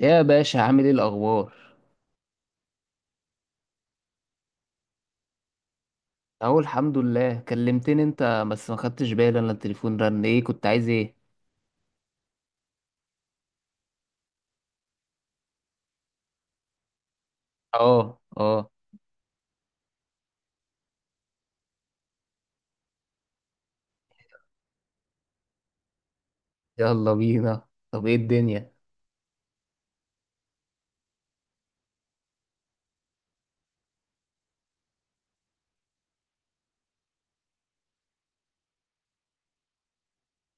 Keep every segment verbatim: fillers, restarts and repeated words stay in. يا باشا، عامل ايه الاخبار؟ اهو الحمد لله. كلمتني انت بس ما خدتش بالي، انا التليفون رن، ايه كنت عايز ايه؟ اه، اه. يلا بينا. طب ايه الدنيا؟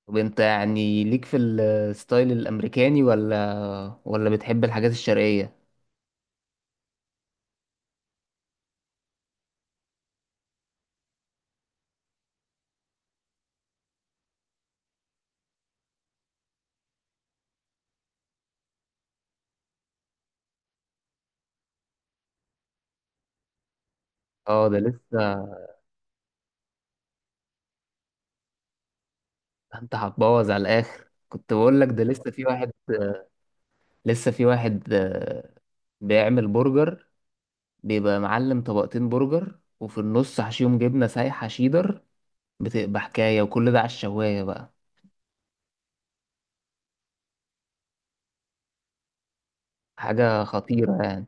طب انت يعني ليك في الستايل الامريكاني ولا ولا بتحب الحاجات الشرقية؟ اه، ده لسه. انت هتبوظ على الاخر. كنت بقول لك ده لسه في واحد، لسه في واحد، آه، بيعمل برجر. بيبقى معلم، طبقتين برجر وفي النص حشيهم جبنة سايحة شيدر. بتبقى حكاية، وكل ده على الشواية بقى. حاجة خطيرة يعني.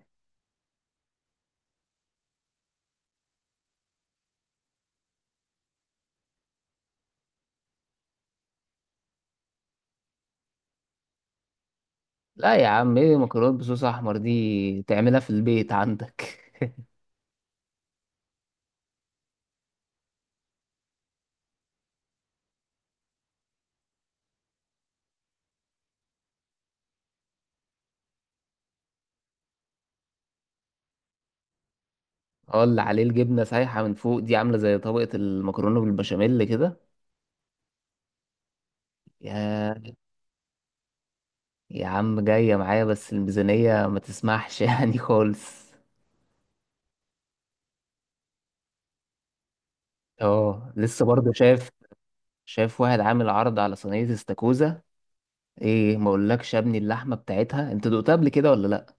لا يا عم، ايه مكرونة بصوص احمر؟ دي تعملها في البيت عندك. اه، اللي عليه الجبنة سايحة من فوق دي عاملة زي طبقة المكرونة بالبشاميل كده. يا يا عم، جاية معايا بس الميزانية ما تسمحش يعني خالص. اه لسه برضه شايف. شايف واحد عامل عرض على صينية استاكوزا. ايه، ما اقولكش يا ابني، اللحمة بتاعتها انت دقتها قبل كده ولا لا؟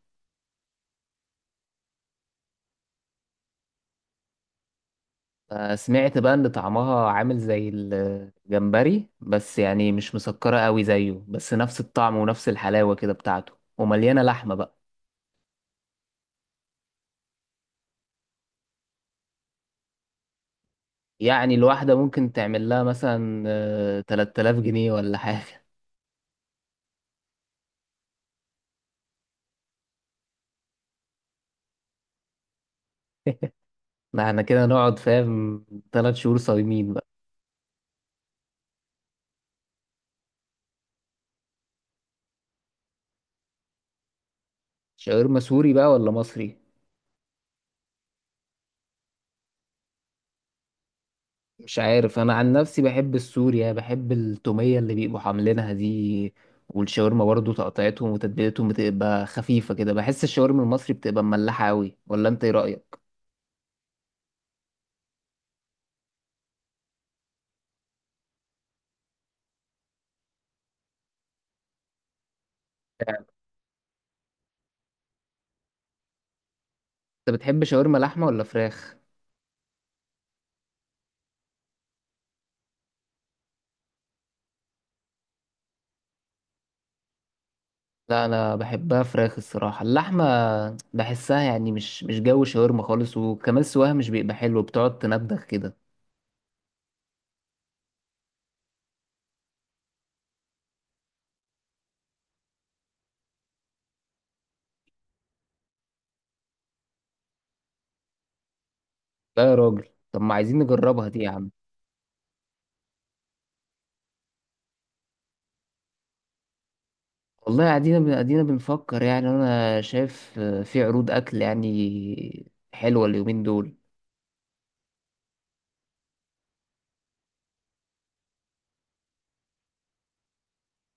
سمعت بقى ان طعمها عامل زي الجمبري، بس يعني مش مسكرة قوي زيه، بس نفس الطعم ونفس الحلاوة كده بتاعته، ومليانة لحمة بقى. يعني الواحدة ممكن تعمل لها مثلا آه، تلاتة آلاف جنيه ولا حاجة. ما احنا كده نقعد فاهم، تلات شهور صايمين بقى. شاورما سوري بقى ولا مصري؟ مش عارف، انا عن نفسي بحب السوريا، بحب التوميه اللي بيبقوا عاملينها دي. والشاورما برضو تقطيعتهم وتتبيلتهم بتبقى خفيفه كده. بحس الشاورما المصري بتبقى مملحه قوي، ولا انت ايه رايك؟ انت بتحب شاورما لحمه ولا فراخ؟ لا انا بحبها فراخ الصراحه، اللحمه بحسها يعني مش مش جو شاورما خالص، وكمان سواها مش بيبقى حلو، بتقعد تندخ كده. لا يا راجل، طب ما عايزين نجربها دي يا عم. والله قاعدين بن- قاعدين بنفكر. يعني انا شايف آه، في عروض اكل يعني حلوه اليومين دول.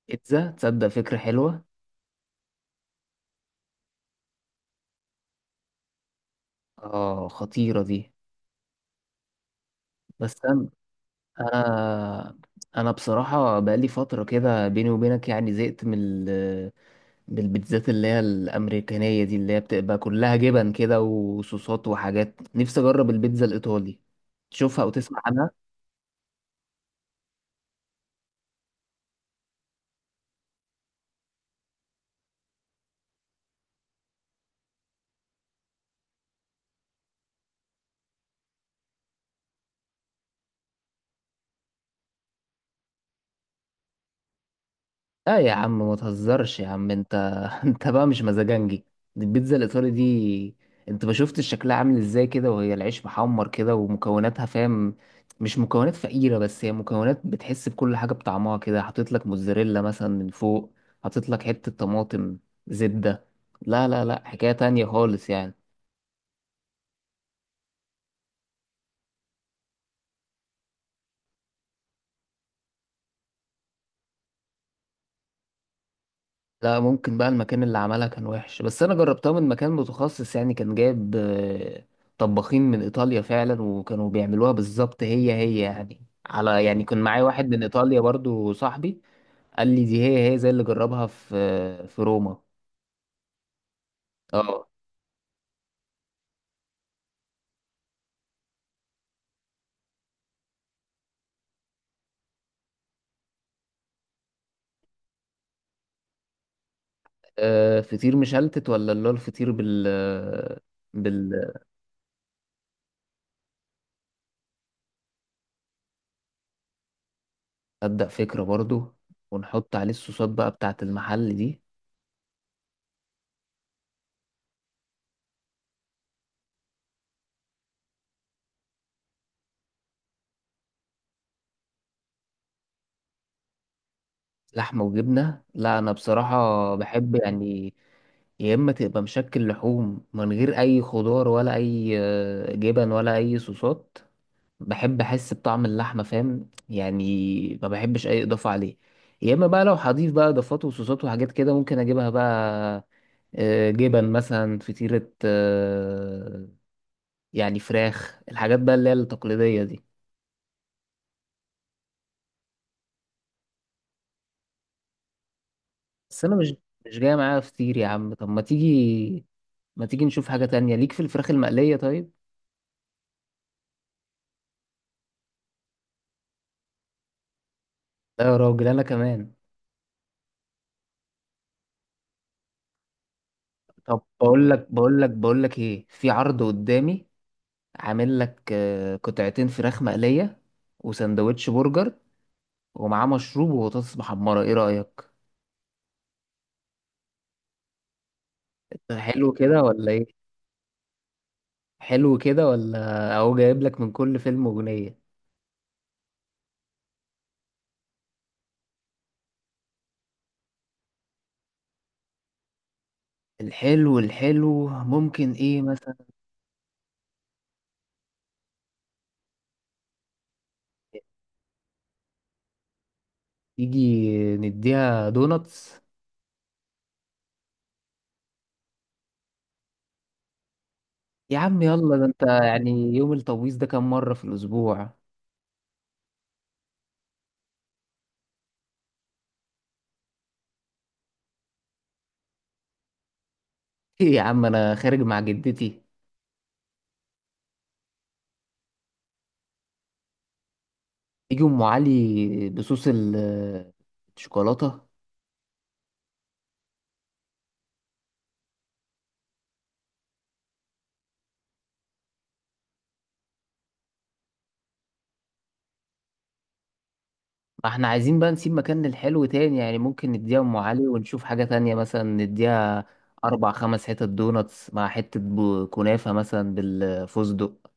بيتزا، تصدق فكره حلوه. اه، خطيره دي. بس انا انا أنا بصراحه بقالي فتره كده بيني وبينك، يعني زهقت من ال- من البيتزات اللي هي الامريكانيه دي، اللي هي بتبقى كلها جبن كده وصوصات وحاجات. نفسي اجرب البيتزا الايطالي، تشوفها او تسمع عنها. لا يا عم ما تهزرش يا عم، انت انت بقى مش مزاجنجي. دي البيتزا الايطالي دي، انت ما شفتش شكلها عامل ازاي كده؟ وهي العيش محمر كده ومكوناتها، فاهم، مش مكونات فقيرة، بس هي مكونات بتحس بكل حاجة بطعمها كده. حاطط لك موتزاريلا مثلا من فوق، حاطط لك حتة طماطم، زبدة. لا، لا، لا، حكاية تانية خالص يعني. لا، ممكن بقى المكان اللي عملها كان وحش، بس انا جربتها من مكان متخصص يعني، كان جايب آه، طباخين من ايطاليا فعلا، وكانوا بيعملوها بالظبط هي هي يعني. على يعني، كان معايا واحد من ايطاليا برضو صاحبي، قال لي دي هي هي زي اللي جربها في في روما. اه. آه، فطير مشلتت ولا اللي هو الفطير بال، بال، ابدا فكرة برضو. ونحط عليه الصوصات بقى بتاعت المحل دي. لحمة وجبنة؟ لا، أنا بصراحة بحب يعني، يا إما تبقى مشكل لحوم من غير أي خضار ولا أي آه، جبن ولا أي صوصات. بحب أحس بطعم اللحمة، فاهم يعني، ما بحبش أي إضافة عليه. يا إما بقى لو هضيف بقى إضافات وصوصات وحاجات كده ممكن أجيبها بقى آه، جبن مثلا، فطيرة آه، يعني فراخ، الحاجات بقى اللي هي التقليدية دي. بس أنا مش مش جاية معايا فطير يا عم. طب ما تيجي ما تيجي نشوف حاجة تانية ليك في الفراخ المقلية طيب؟ لا يا راجل انا كمان. طب بقول لك بقول لك بقول لك ايه، في عرض قدامي، عامل لك آه، قطعتين فراخ مقلية وسندوتش برجر ومعاه مشروب وبطاطس محمرة. ايه رأيك؟ حلو كده ولا ايه؟ حلو كده ولا؟ اهو جايب لك من كل فيلم أغنية. الحلو، الحلو ممكن ايه مثلا؟ تيجي نديها دوناتس؟ يا عم يلا، ده انت يعني يوم التبويض ده كام مرة في الأسبوع؟ ايه يا عم، انا خارج مع جدتي؟ يجي ام علي بصوص ال- الشوكولاته؟ ما احنا عايزين بقى نسيب مكان للحلو تاني يعني، ممكن نديها ام علي ونشوف حاجه تانية مثلا نديها اربع خمس حتت دوناتس مع حته ب- كنافه مثلا بالفستق.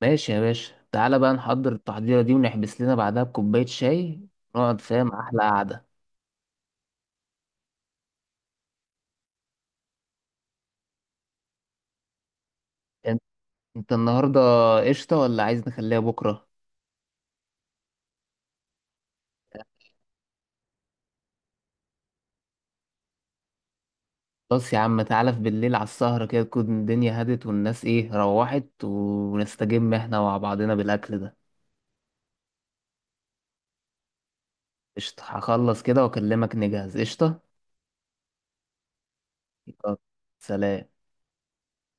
ماشي يا باشا، تعالى بقى نحضر التحضيره دي ونحبس لنا بعدها بكوبايه شاي، نقعد فاهم احلى قعده. انت إنت النهارده قشطه ولا عايز نخليها بكره؟ خلاص يا عم، تعالى في بالليل على السهرة كده، تكون الدنيا هدت والناس ايه روحت، ونستجم احنا مع بعضنا بالأكل ده. قشطة، هخلص كده واكلمك نجهز. قشطة. يلا، سلام.